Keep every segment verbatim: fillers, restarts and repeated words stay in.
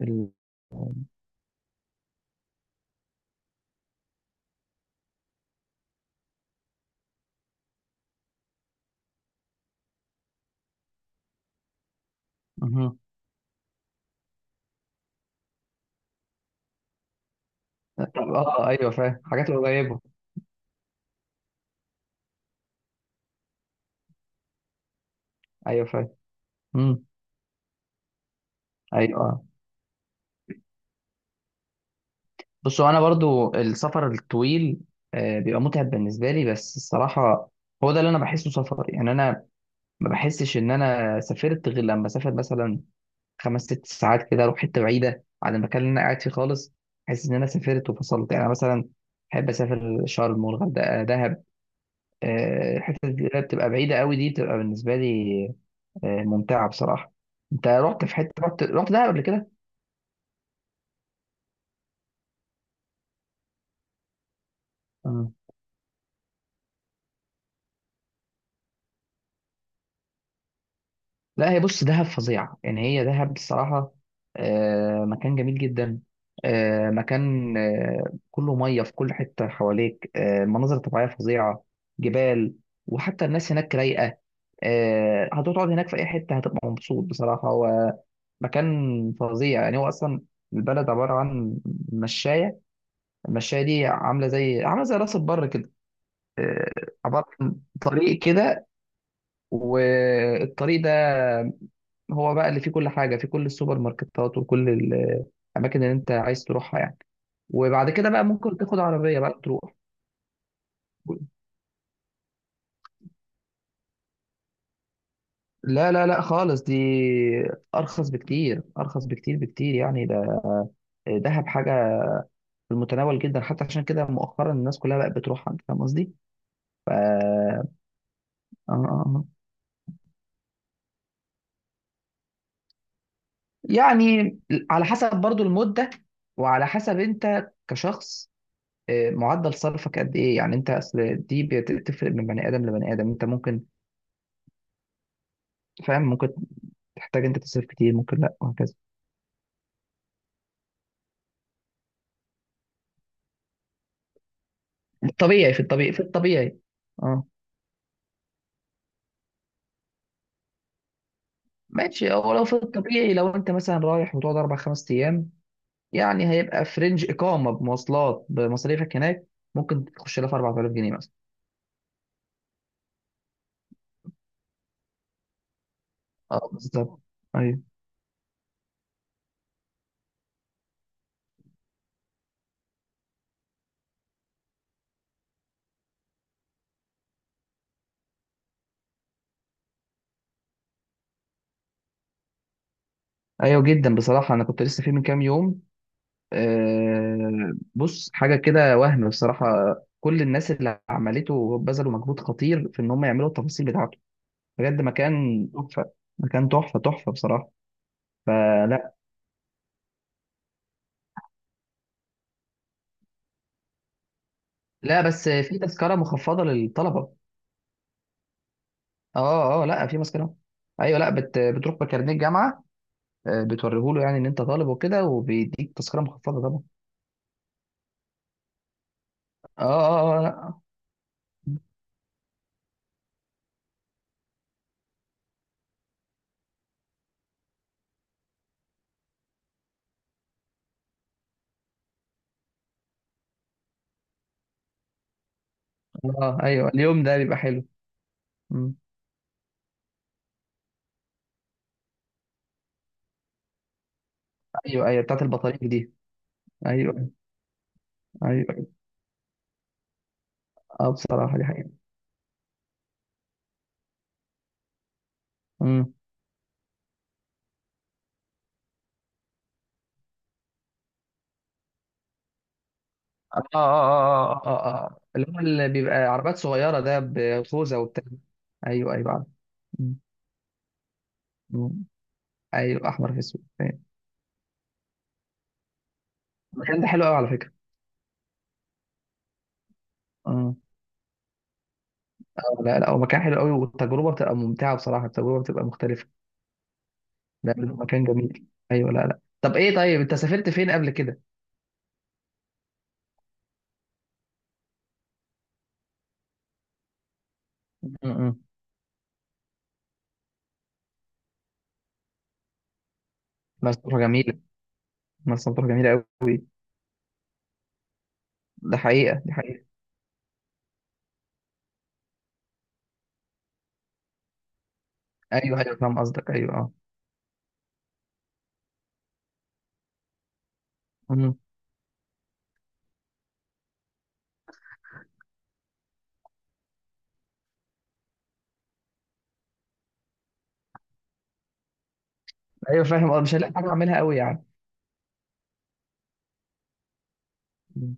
ال... مهم. طب، اه ايوه، فاهم حاجات قريبه. ايوه، فاهم. امم. ايوه، آه. بصوا، انا برضو السفر الطويل آه، بيبقى متعب بالنسبه لي بس الصراحه. هو ده اللي انا بحسه سفر، يعني انا ما بحسش ان انا سافرت غير لما اسافر مثلا خمس ست ساعات كده، اروح حته بعيده عن المكان اللي انا قاعد فيه خالص. احس ان انا سافرت وفصلت، يعني أنا مثلا بحب اسافر شرم والغردقه دهب. آه، الحتت اللي بتبقى بعيده قوي دي بتبقى بالنسبه لي آه، ممتعه بصراحه. انت رحت في حته رحت رحت دهب قبل كده؟ مم. لا، هي بص دهب فظيعه، يعني هي دهب بصراحه آه، مكان جميل جدا. آه، مكان، آه، كله ميه في كل حته حواليك، آه، مناظر طبيعيه فظيعه، جبال. وحتى الناس هناك رايقه. آه، هتقعد هناك في اي حته هتبقى مبسوط بصراحه. هو مكان فظيع، يعني هو اصلا البلد عباره عن مشايه. المشايه دي عامله زي عامله زي راس البر كده. آه، عبارة عن طريق كده. والطريق ده هو بقى اللي فيه كل حاجة، فيه كل السوبر ماركتات وكل ال- الأماكن اللي أنت عايز تروحها يعني. وبعد كده بقى ممكن تاخد عربية بقى تروح. لا لا لا، خالص دي أرخص بكتير، أرخص بكتير بكتير، يعني ده دهب حاجة في المتناول جدا. حتى عشان كده مؤخرا الناس كلها بقت بتروحها. أنت فاهم قصدي؟ ف... آه، آه، آه. يعني على حسب برضو المدة، وعلى حسب أنت كشخص، آه، معدل صرفك قد ايه، يعني انت اصل دي بتفرق من بني ادم لبني ادم. انت ممكن، فاهم، ممكن تحتاج انت تصرف كتير، ممكن لا، وهكذا. الطبيعي في الطبيعي في الطبيعي. اه ماشي، هو لو في الطبيعي، لو انت مثلا رايح وتقعد اربع خمس ايام، يعني هيبقى في رينج اقامه بمواصلات بمصاريفك هناك، ممكن تخش لها في أربعة آلاف جنيه مثلا. اه بالظبط. ايوه، ايوه جدا بصراحه، انا كنت لسه فيه من كام يوم. آه، بص، حاجة كده وهم بصراحة. كل الناس اللي عملته بذلوا مجهود خطير في إن هم يعملوا التفاصيل بتاعته. بجد مكان تحفة، مكان تحفة، تحفة بصراحة. فلا، لا، بس في تذكرة مخفضة للطلبة. اه اه، لا في تذكرة. ايوه، لا بت بتروح بكارنيه الجامعة، آه، بتوريهوله يعني ان انت طالب وكده، وبيديك تذكرة مخفضة طبعا. اه اه اه، لا. اه، ايوه، اليوم ده بيبقى حلو. مم. ايوه، ايوه بتاعت البطاريق دي. ايوه، ايوه. اه بصراحة دي حقيقة. اه اه اه اه اه، آه. اللي هو اللي بيبقى عربيات صغيرة ده بخوذة وبتاع. ايوه، ايوه عارف. م- م- ايوه، احمر في اسود، فاهم. المكان ده حلو قوي على فكرة. اه آه، لا لا، هو مكان حلو قوي، والتجربة بتبقى ممتعة بصراحة، التجربة بتبقى مختلفة. لا لا، مكان جميل. ايوه، لا لا، طب ايه، طيب انت سافرت فين قبل كده؟ امم. مرسى مطروح جميلة. مرسى مطروح جميلة قوي. ده حقيقة، دي حقيقة. ايوه، ايوه فاهم قصدك، ايوه، اه. م. ايوه فاهم، اه مش هلاقي حاجة اعملها قوي يعني. م.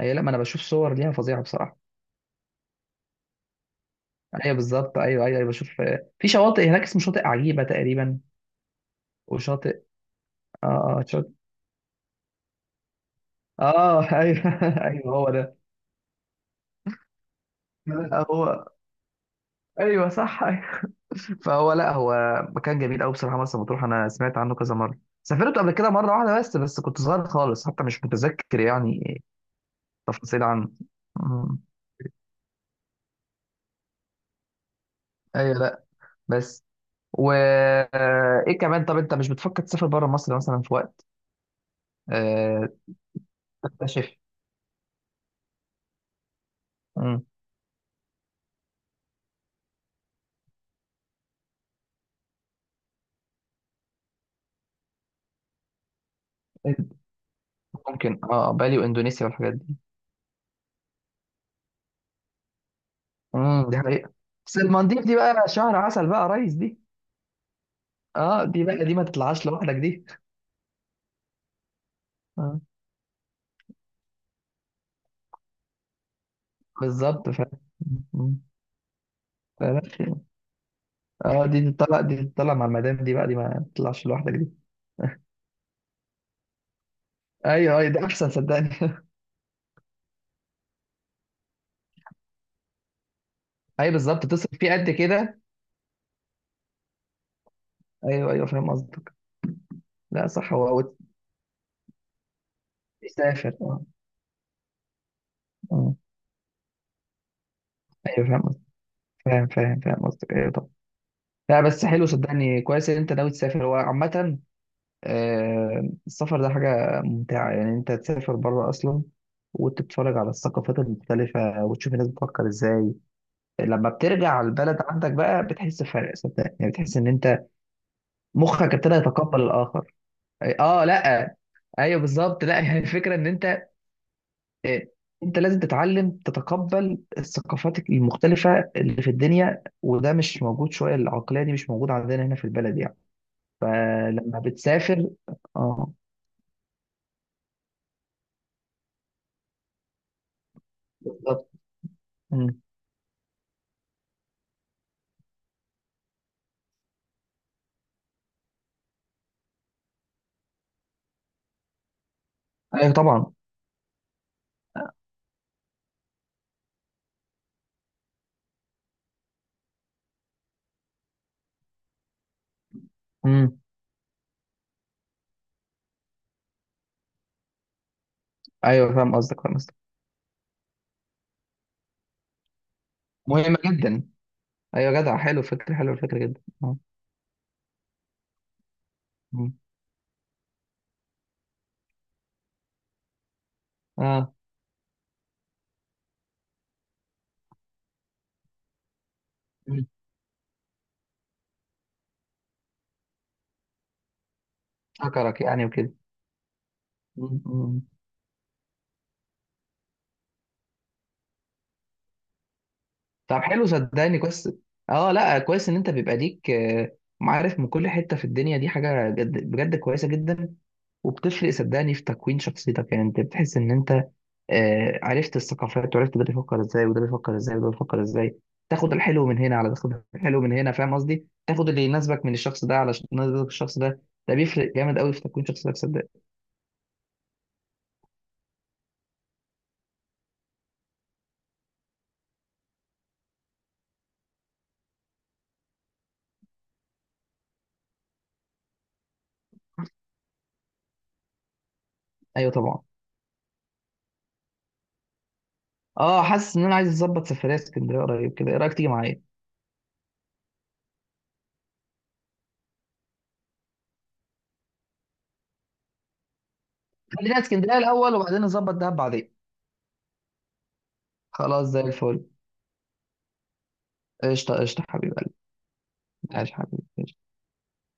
ايوه لا، ما انا بشوف صور ليها فظيعة بصراحة. ايوه بالظبط، ايوه ايوه ايوه، بشوف آه، في شواطئ هناك اسمه شاطئ عجيبه تقريبا. وشاطئ اه اه شاطئ اه ايوه، ايوه هو ده. آه، هو، ايوه صح، ايوه. فهو لا، هو مكان جميل قوي بصراحه. مرسى مطروح انا سمعت عنه كذا مره، سافرت قبل كده مره واحده بس بس كنت صغير خالص حتى، مش متذكر يعني تفاصيل عنه. أمم. ايوه، لا بس و آه، ايه كمان، طب انت مش بتفكر تسافر بره مصر مثلا في وقت آه، تكتشف؟ أمم. ممكن، اه بالي واندونيسيا والحاجات دي. امم دي حقيقة. بس المالديف دي بقى شهر عسل بقى يا ريس دي. اه دي بقى، دي ما تطلعش لوحدك دي. آه. بالظبط. ف... مم. فلاش يعني. اه دي تطلع دي تطلع مع المدام دي بقى، دي ما تطلعش لوحدك دي. ايوه ايوه، ده احسن صدقني. ايوه بالظبط، تصرف فيه قد كده. ايوه ايوه فاهم قصدك. لا صح، هو هو. تسافر، اه آه. ايوه فاهم قصدك، فاهم فاهم فاهم قصدك. ايوه، طب، لا بس حلو صدقني كويس ان انت ناوي تسافر. هو عامة آه، السفر ده حاجة ممتعة، يعني أنت تسافر بره أصلا وتتفرج على الثقافات المختلفة وتشوف الناس بتفكر إزاي. لما بترجع على البلد عندك بقى، بتحس بفرق صدقني، يعني بتحس إن أنت مخك ابتدى يتقبل الآخر. آه آه، لأ. أيوه بالظبط. لأ، يعني الفكرة إن أنت، آه، أنت لازم تتعلم تتقبل الثقافات المختلفة اللي في الدنيا، وده مش موجود. شوية العقلية دي مش موجودة عندنا هنا في البلد يعني، فلما بتسافر. آه بالظبط. مم. أيوه طبعا. امم ايوه فاهم قصدك، فاهم قصدك. مهمة جدا. ايوه، جدع، حلو، فكرة حلو الفكرة جدا، اه مم. اه، مم. شكرك يعني وكده. مم. مم. طب حلو صدقني كويس. اه لا، كويس ان انت بيبقى ليك آه، معارف من كل حتة في الدنيا، دي حاجة جد بجد كويسة جدا. وبتفرق صدقني في تكوين شخصيتك، يعني انت بتحس ان انت آه، عرفت الثقافات، وعرفت ده بيفكر ازاي، وده بيفكر ازاي، وده بيفكر ازاي. تاخد الحلو من هنا، على تاخد الحلو من هنا، فاهم قصدي، تاخد اللي يناسبك من الشخص ده، على ش- يناسبك الشخص ده. ده بيفرق جامد قوي في تكوين شخصيتك صدقني. ايوه طبعا. اه حاسس ان انا عايز اظبط سفريه اسكندريه قريب كده، ايه رايك تيجي معايا؟ خلينا اسكندريه الاول، وبعدين نظبط دهب بعدين. خلاص، زي الفل. قشطه، قشطه، حبيب قلبي. عايش حبيبي.